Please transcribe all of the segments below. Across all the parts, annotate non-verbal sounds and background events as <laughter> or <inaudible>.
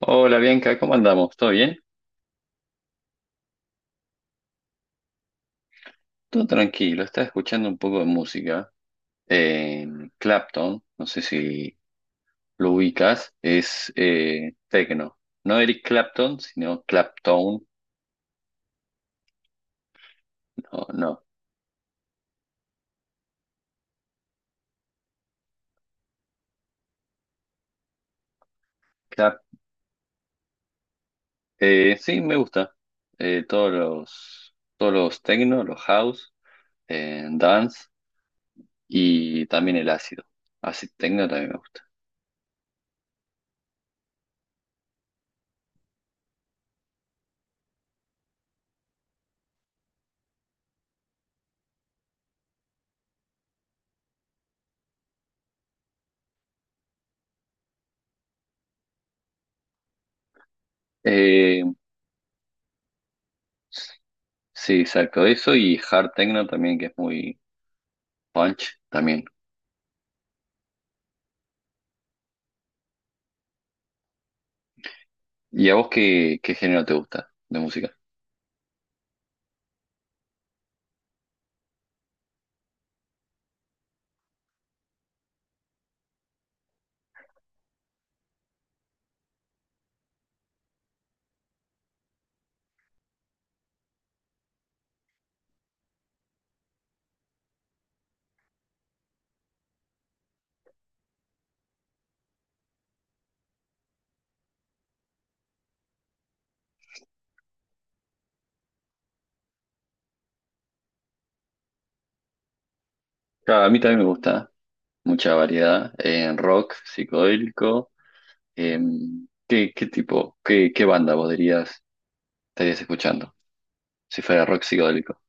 Hola Bianca, ¿cómo andamos? ¿Todo bien? Todo tranquilo, estaba escuchando un poco de música. Eh, Clapton, no sé si lo ubicas, es tecno. No Eric Clapton, sino Clapton. No, no. Clap- sí, me gusta. Todos los, todos los tecno, los house, dance y también el ácido. Ácido tecno también me gusta. Eh, sí, exacto, eso y hard techno también, que es muy punch también. ¿Y a vos qué, qué género te gusta de música? Claro, a mí también me gusta mucha variedad en rock, psicodélico. ¿Qué, qué tipo, qué, qué banda vos dirías estarías escuchando si fuera rock psicodélico?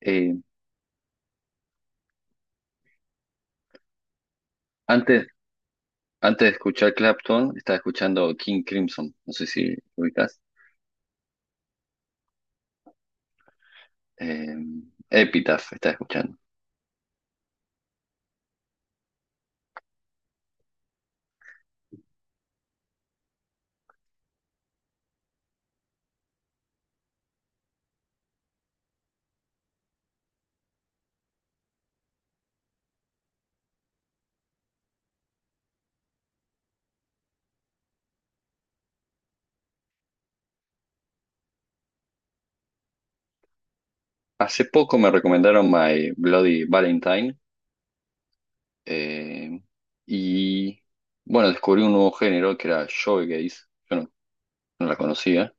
Eh, antes antes de escuchar Clapton, estaba escuchando King Crimson, no sé si lo ubicás. Epitaph estaba escuchando. Hace poco me recomendaron My Bloody Valentine, em, y bueno, descubrí un nuevo género que era shoegaze. Yo no no la conocía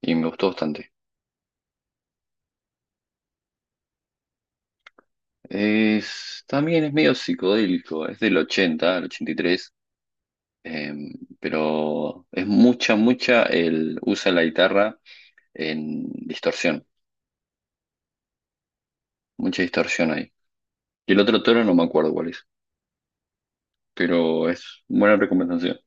y me gustó bastante. Es, también es medio psicodélico, es del 80 al 83, em, pero es mucha, usa la guitarra en distorsión, mucha distorsión ahí. Y el otro toro no me acuerdo cuál es, pero es buena recomendación,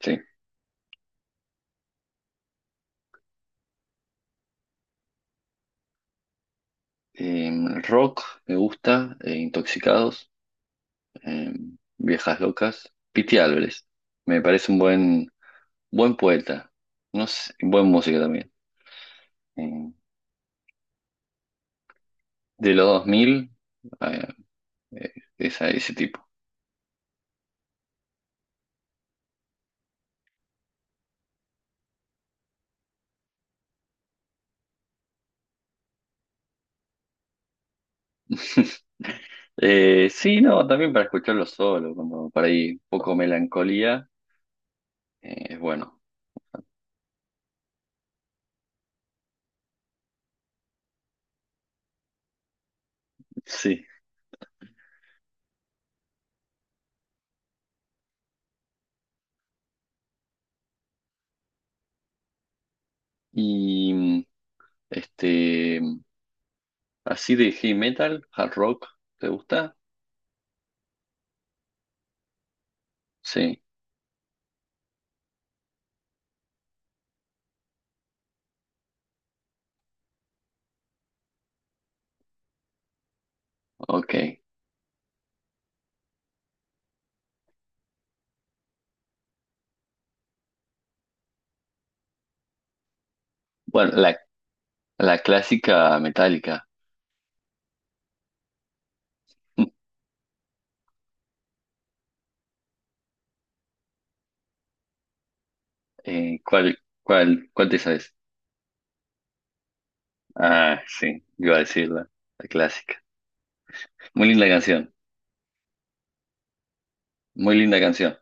sí. Rock me gusta, Intoxicados, Viejas Locas, Pity Álvarez, me parece un buen, buen poeta, no sé, buen músico también. Em, de los 2000, eh, eh, ese tipo. <laughs> Sí, no, también para escucharlo solo, como para ahí poco melancolía, es bueno, sí. Y este, así de heavy metal, hard rock, ¿te gusta? Sí, ok. Bueno, la clásica metálica. <laughs> ¿Cuál, cuál, cuál te sabes? Ah, sí, iba a decirla, la clásica. Muy linda canción, muy linda canción.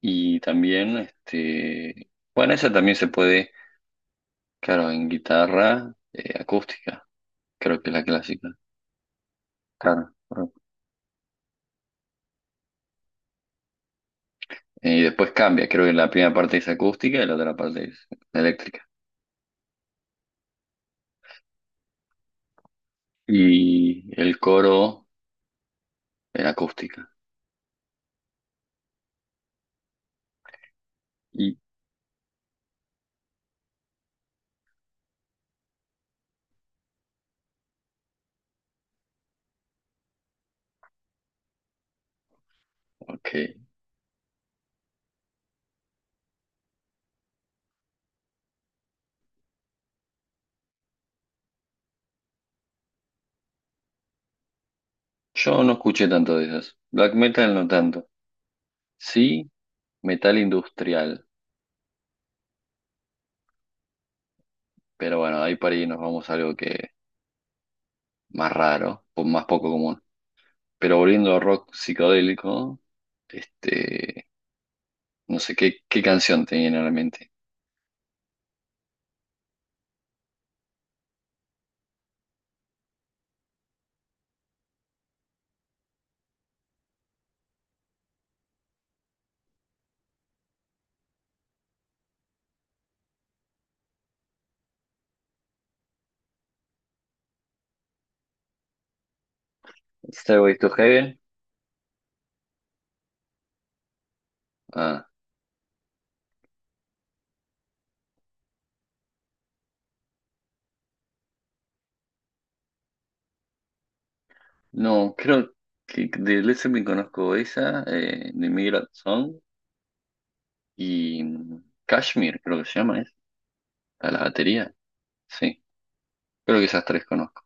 Y también, este, bueno, esa también se puede, claro, en guitarra, acústica, creo que es la clásica, claro. Claro. Y después cambia, creo que la primera parte es acústica y la otra parte es eléctrica. Y el coro en acústica. Y, ok, yo no escuché tanto de esas. Black metal no tanto. Sí, metal industrial, pero bueno, ahí para ahí nos vamos a algo que más raro, o más poco común. Pero volviendo a rock psicodélico. Este, no sé qué, qué canción te viene a la mente. Stairway to Heaven. Ah, no, creo que de Led Zeppelin conozco esa, The Migrant Song y Kashmir, creo que se llama, ¿es? A la batería. Sí, creo que esas tres conozco.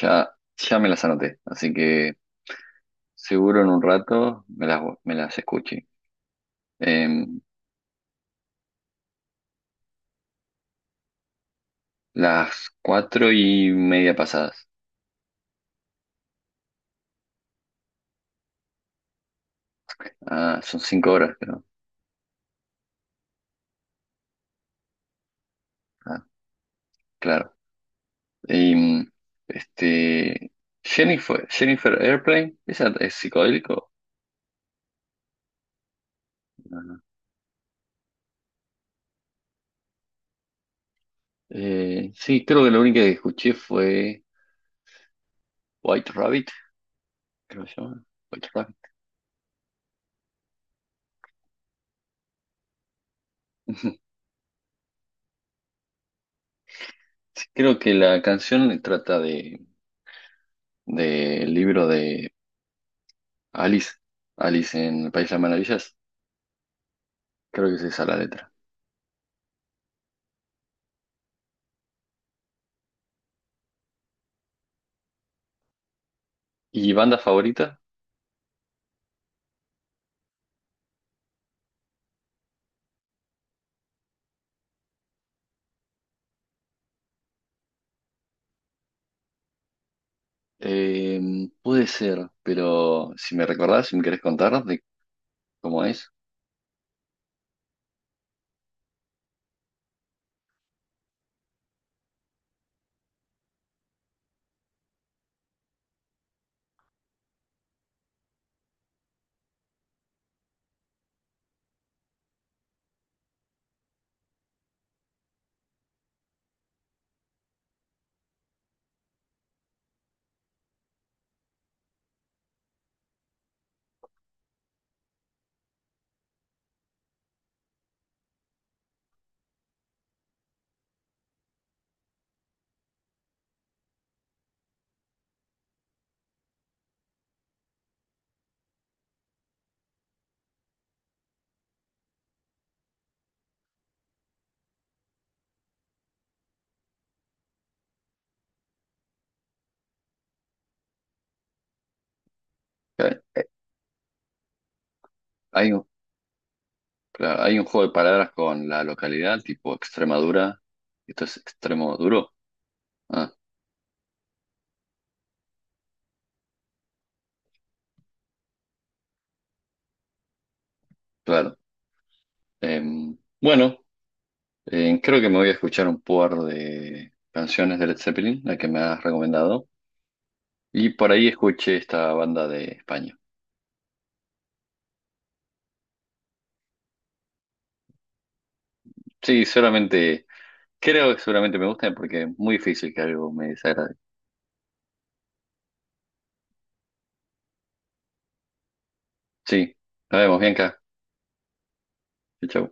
Ya, ya me las anoté, así que seguro en un rato me las escuché. Em, las 4:30 pasadas. Ah, son 5 horas, creo. Ah, claro. Y, este, Jennifer, Jennifer Airplane, ¿esa es psicodélico? No, no. Sí, creo que la única que escuché fue White Rabbit, creo que se llama. White Rabbit. <laughs> Sí, creo que la canción trata de, del libro de Alice, Alice en el País de las Maravillas. Creo que es esa la letra. ¿Y banda favorita? Puede ser, pero si me recordás, si me querés contar de cómo es. Ok. Hay, claro, hay un juego de palabras con la localidad, tipo Extremadura. Y esto es extremo duro. Ah, claro. Bueno, creo que me voy a escuchar un par de canciones de Led Zeppelin, la que me has recomendado. Y por ahí escuché esta banda de España. Sí, seguramente, creo que seguramente me gusta porque es muy difícil que algo me desagrade. Sí, nos vemos, Bianca. Chau. Chau.